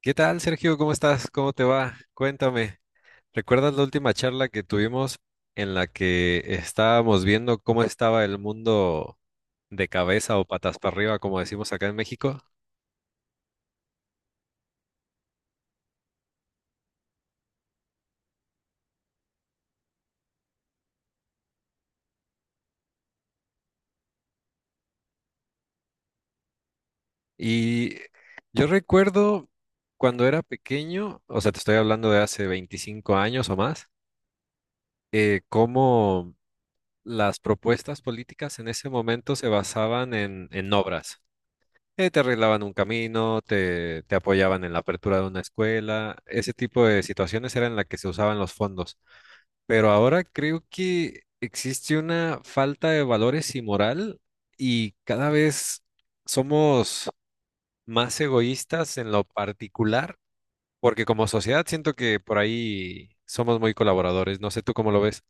¿Qué tal, Sergio? ¿Cómo estás? ¿Cómo te va? Cuéntame. ¿Recuerdas la última charla que tuvimos en la que estábamos viendo cómo estaba el mundo de cabeza o patas para arriba, como decimos acá en México? Y yo recuerdo cuando era pequeño, o sea, te estoy hablando de hace 25 años o más, cómo las propuestas políticas en ese momento se basaban en obras. Te arreglaban un camino, te apoyaban en la apertura de una escuela. Ese tipo de situaciones eran las que se usaban los fondos. Pero ahora creo que existe una falta de valores y moral, y cada vez somos más egoístas en lo particular, porque como sociedad siento que por ahí somos muy colaboradores. No sé tú cómo lo ves.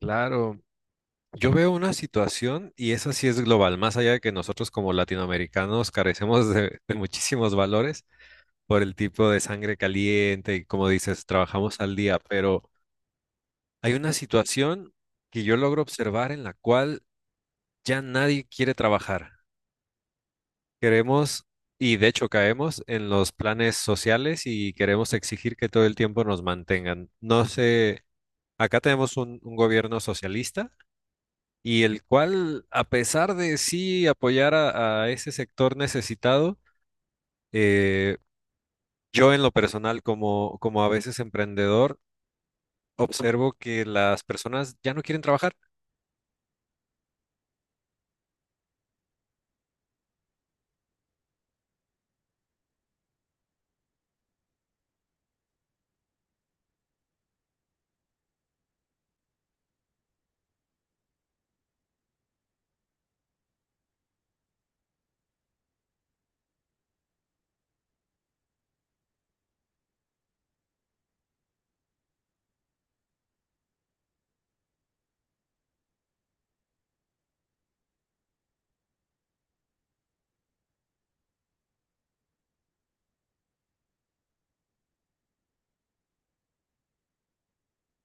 Claro. Yo veo una situación y esa sí es global, más allá de que nosotros como latinoamericanos carecemos de muchísimos valores, por el tipo de sangre caliente y, como dices, trabajamos al día. Pero hay una situación que yo logro observar en la cual ya nadie quiere trabajar. Queremos, y de hecho caemos en los planes sociales y queremos exigir que todo el tiempo nos mantengan. No sé, acá tenemos un gobierno socialista, y el cual, a pesar de sí apoyar a ese sector necesitado, eh, yo en lo personal, como, como a veces emprendedor, observo que las personas ya no quieren trabajar.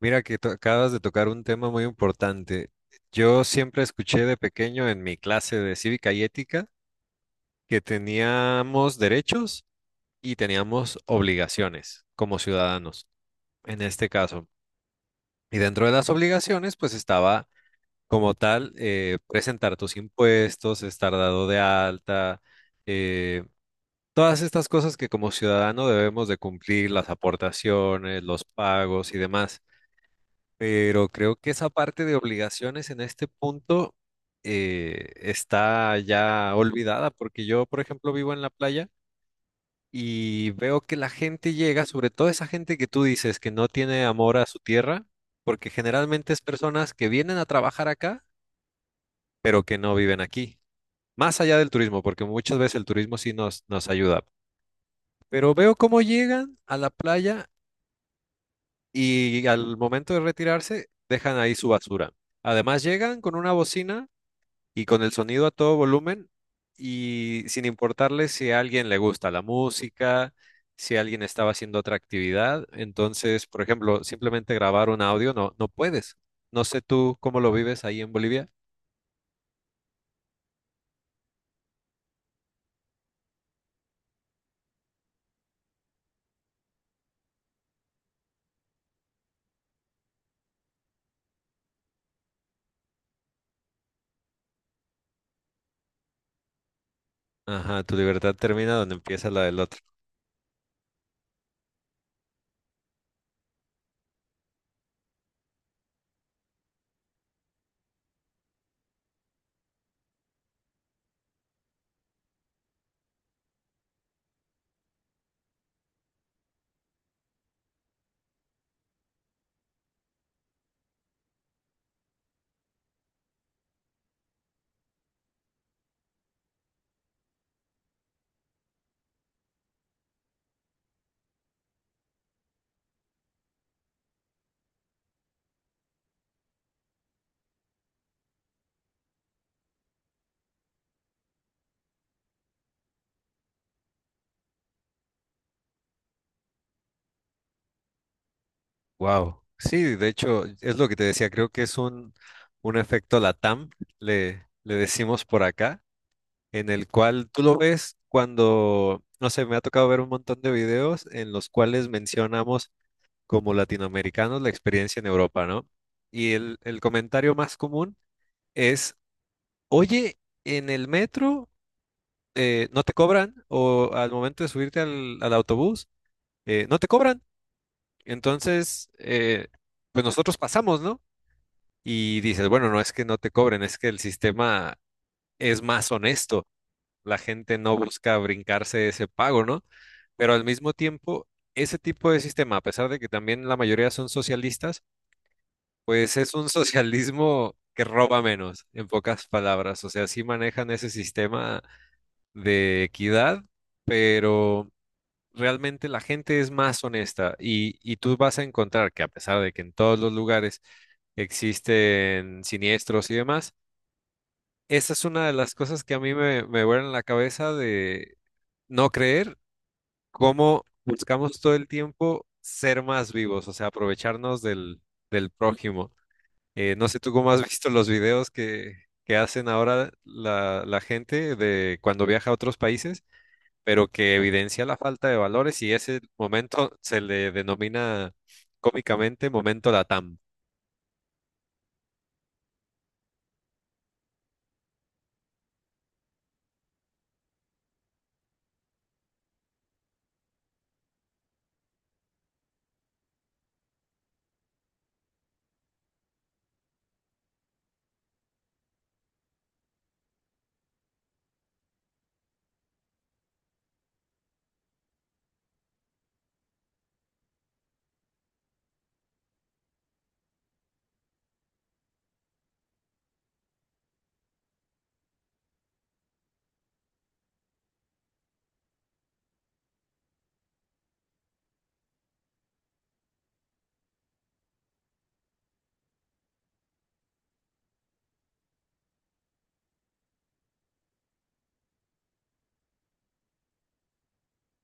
Mira que acabas de tocar un tema muy importante. Yo siempre escuché de pequeño en mi clase de cívica y ética que teníamos derechos y teníamos obligaciones como ciudadanos, en este caso. Y dentro de las obligaciones, pues estaba como tal, presentar tus impuestos, estar dado de alta, eh, todas estas cosas que como ciudadano debemos de cumplir, las aportaciones, los pagos y demás. Pero creo que esa parte de obligaciones en este punto, está ya olvidada, porque yo, por ejemplo, vivo en la playa y veo que la gente llega, sobre todo esa gente que tú dices que no tiene amor a su tierra, porque generalmente es personas que vienen a trabajar acá, pero que no viven aquí, más allá del turismo, porque muchas veces el turismo sí nos ayuda. Pero veo cómo llegan a la playa y al momento de retirarse dejan ahí su basura. Además llegan con una bocina y con el sonido a todo volumen y sin importarle si a alguien le gusta la música, si alguien estaba haciendo otra actividad. Entonces, por ejemplo, simplemente grabar un audio no puedes. No sé tú cómo lo vives ahí en Bolivia. Ajá, tu libertad termina donde empieza la del otro. Wow. Sí, de hecho, es lo que te decía, creo que es un efecto LATAM, le decimos por acá, en el cual tú lo ves cuando, no sé, me ha tocado ver un montón de videos en los cuales mencionamos como latinoamericanos la experiencia en Europa, ¿no? Y el comentario más común es, oye, en el metro, no te cobran, o al momento de subirte al autobús no te cobran. Entonces, pues nosotros pasamos, ¿no? Y dices, bueno, no es que no te cobren, es que el sistema es más honesto. La gente no busca brincarse ese pago, ¿no? Pero al mismo tiempo, ese tipo de sistema, a pesar de que también la mayoría son socialistas, pues es un socialismo que roba menos, en pocas palabras. O sea, sí manejan ese sistema de equidad, pero realmente la gente es más honesta, y tú vas a encontrar que, a pesar de que en todos los lugares existen siniestros y demás, esa es una de las cosas que a mí me vuelan la cabeza, de no creer cómo buscamos todo el tiempo ser más vivos, o sea, aprovecharnos del, del prójimo. No sé tú cómo has visto los videos que hacen ahora la gente de cuando viaja a otros países, pero que evidencia la falta de valores, y ese momento se le denomina cómicamente momento Latam.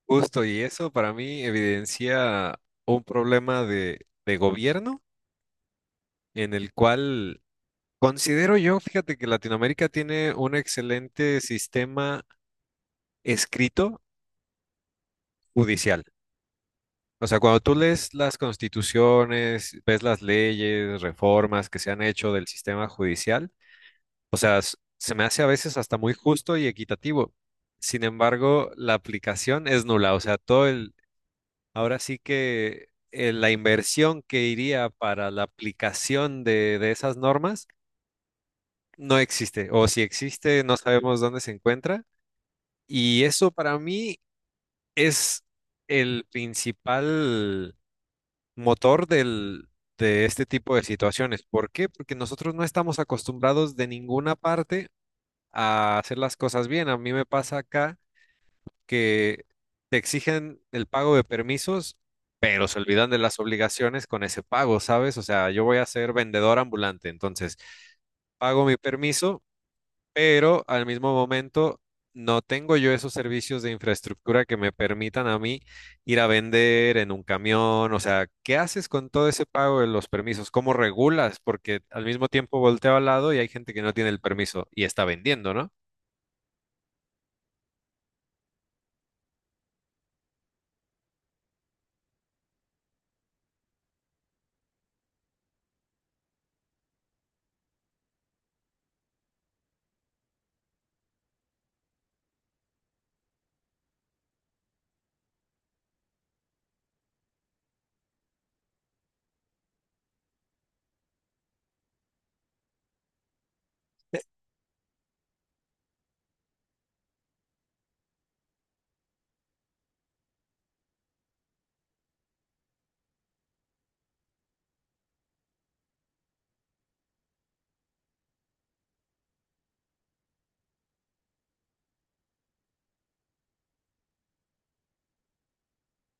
Justo, y eso para mí evidencia un problema de gobierno en el cual, considero yo, fíjate que Latinoamérica tiene un excelente sistema escrito judicial. O sea, cuando tú lees las constituciones, ves las leyes, reformas que se han hecho del sistema judicial, o sea, se me hace a veces hasta muy justo y equitativo. Sin embargo, la aplicación es nula. O sea, todo el, ahora sí que, la inversión que iría para la aplicación de esas normas no existe. O si existe, no sabemos dónde se encuentra. Y eso para mí es el principal motor del, de este tipo de situaciones. ¿Por qué? Porque nosotros no estamos acostumbrados de ninguna parte a hacer las cosas bien. A mí me pasa acá que te exigen el pago de permisos, pero se olvidan de las obligaciones con ese pago, ¿sabes? O sea, yo voy a ser vendedor ambulante, entonces pago mi permiso, pero al mismo momento no tengo yo esos servicios de infraestructura que me permitan a mí ir a vender en un camión. O sea, ¿qué haces con todo ese pago de los permisos? ¿Cómo regulas? Porque al mismo tiempo volteo al lado y hay gente que no tiene el permiso y está vendiendo, ¿no?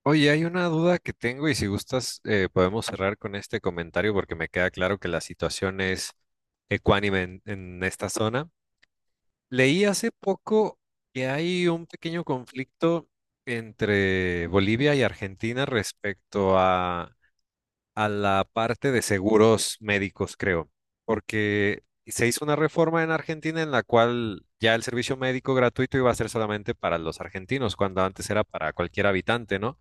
Oye, hay una duda que tengo, y si gustas, podemos cerrar con este comentario, porque me queda claro que la situación es ecuánime en esta zona. Leí hace poco que hay un pequeño conflicto entre Bolivia y Argentina respecto a la parte de seguros médicos, creo, porque se hizo una reforma en Argentina en la cual ya el servicio médico gratuito iba a ser solamente para los argentinos, cuando antes era para cualquier habitante, ¿no?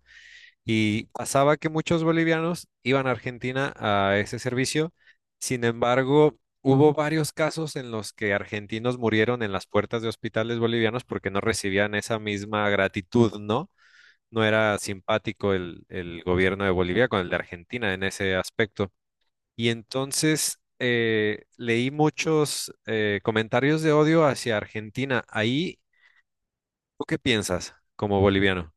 Y pasaba que muchos bolivianos iban a Argentina a ese servicio. Sin embargo, hubo varios casos en los que argentinos murieron en las puertas de hospitales bolivianos porque no recibían esa misma gratitud, ¿no? No era simpático el gobierno de Bolivia con el de Argentina en ese aspecto. Y entonces, leí muchos comentarios de odio hacia Argentina. Ahí, ¿tú qué piensas como boliviano?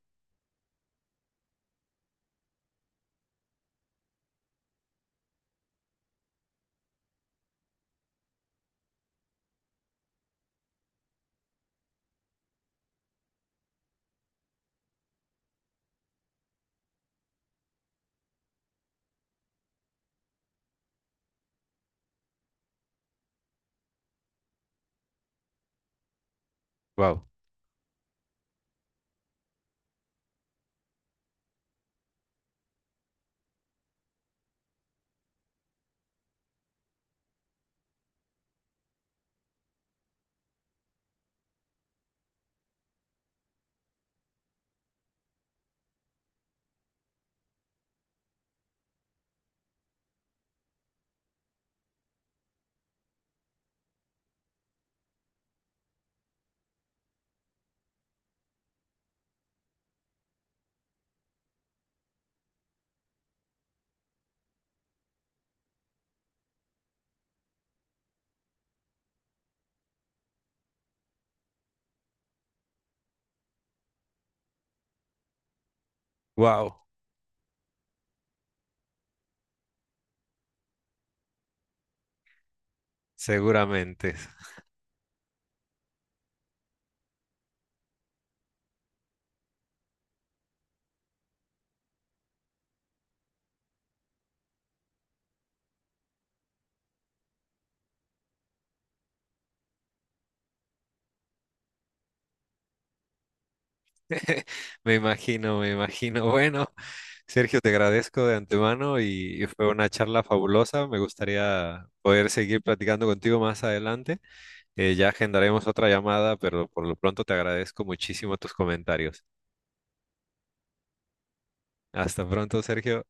Wow. Wow, seguramente. Me imagino, me imagino. Bueno, Sergio, te agradezco de antemano, y fue una charla fabulosa. Me gustaría poder seguir platicando contigo más adelante. Ya agendaremos otra llamada, pero por lo pronto te agradezco muchísimo tus comentarios. Hasta pronto, Sergio.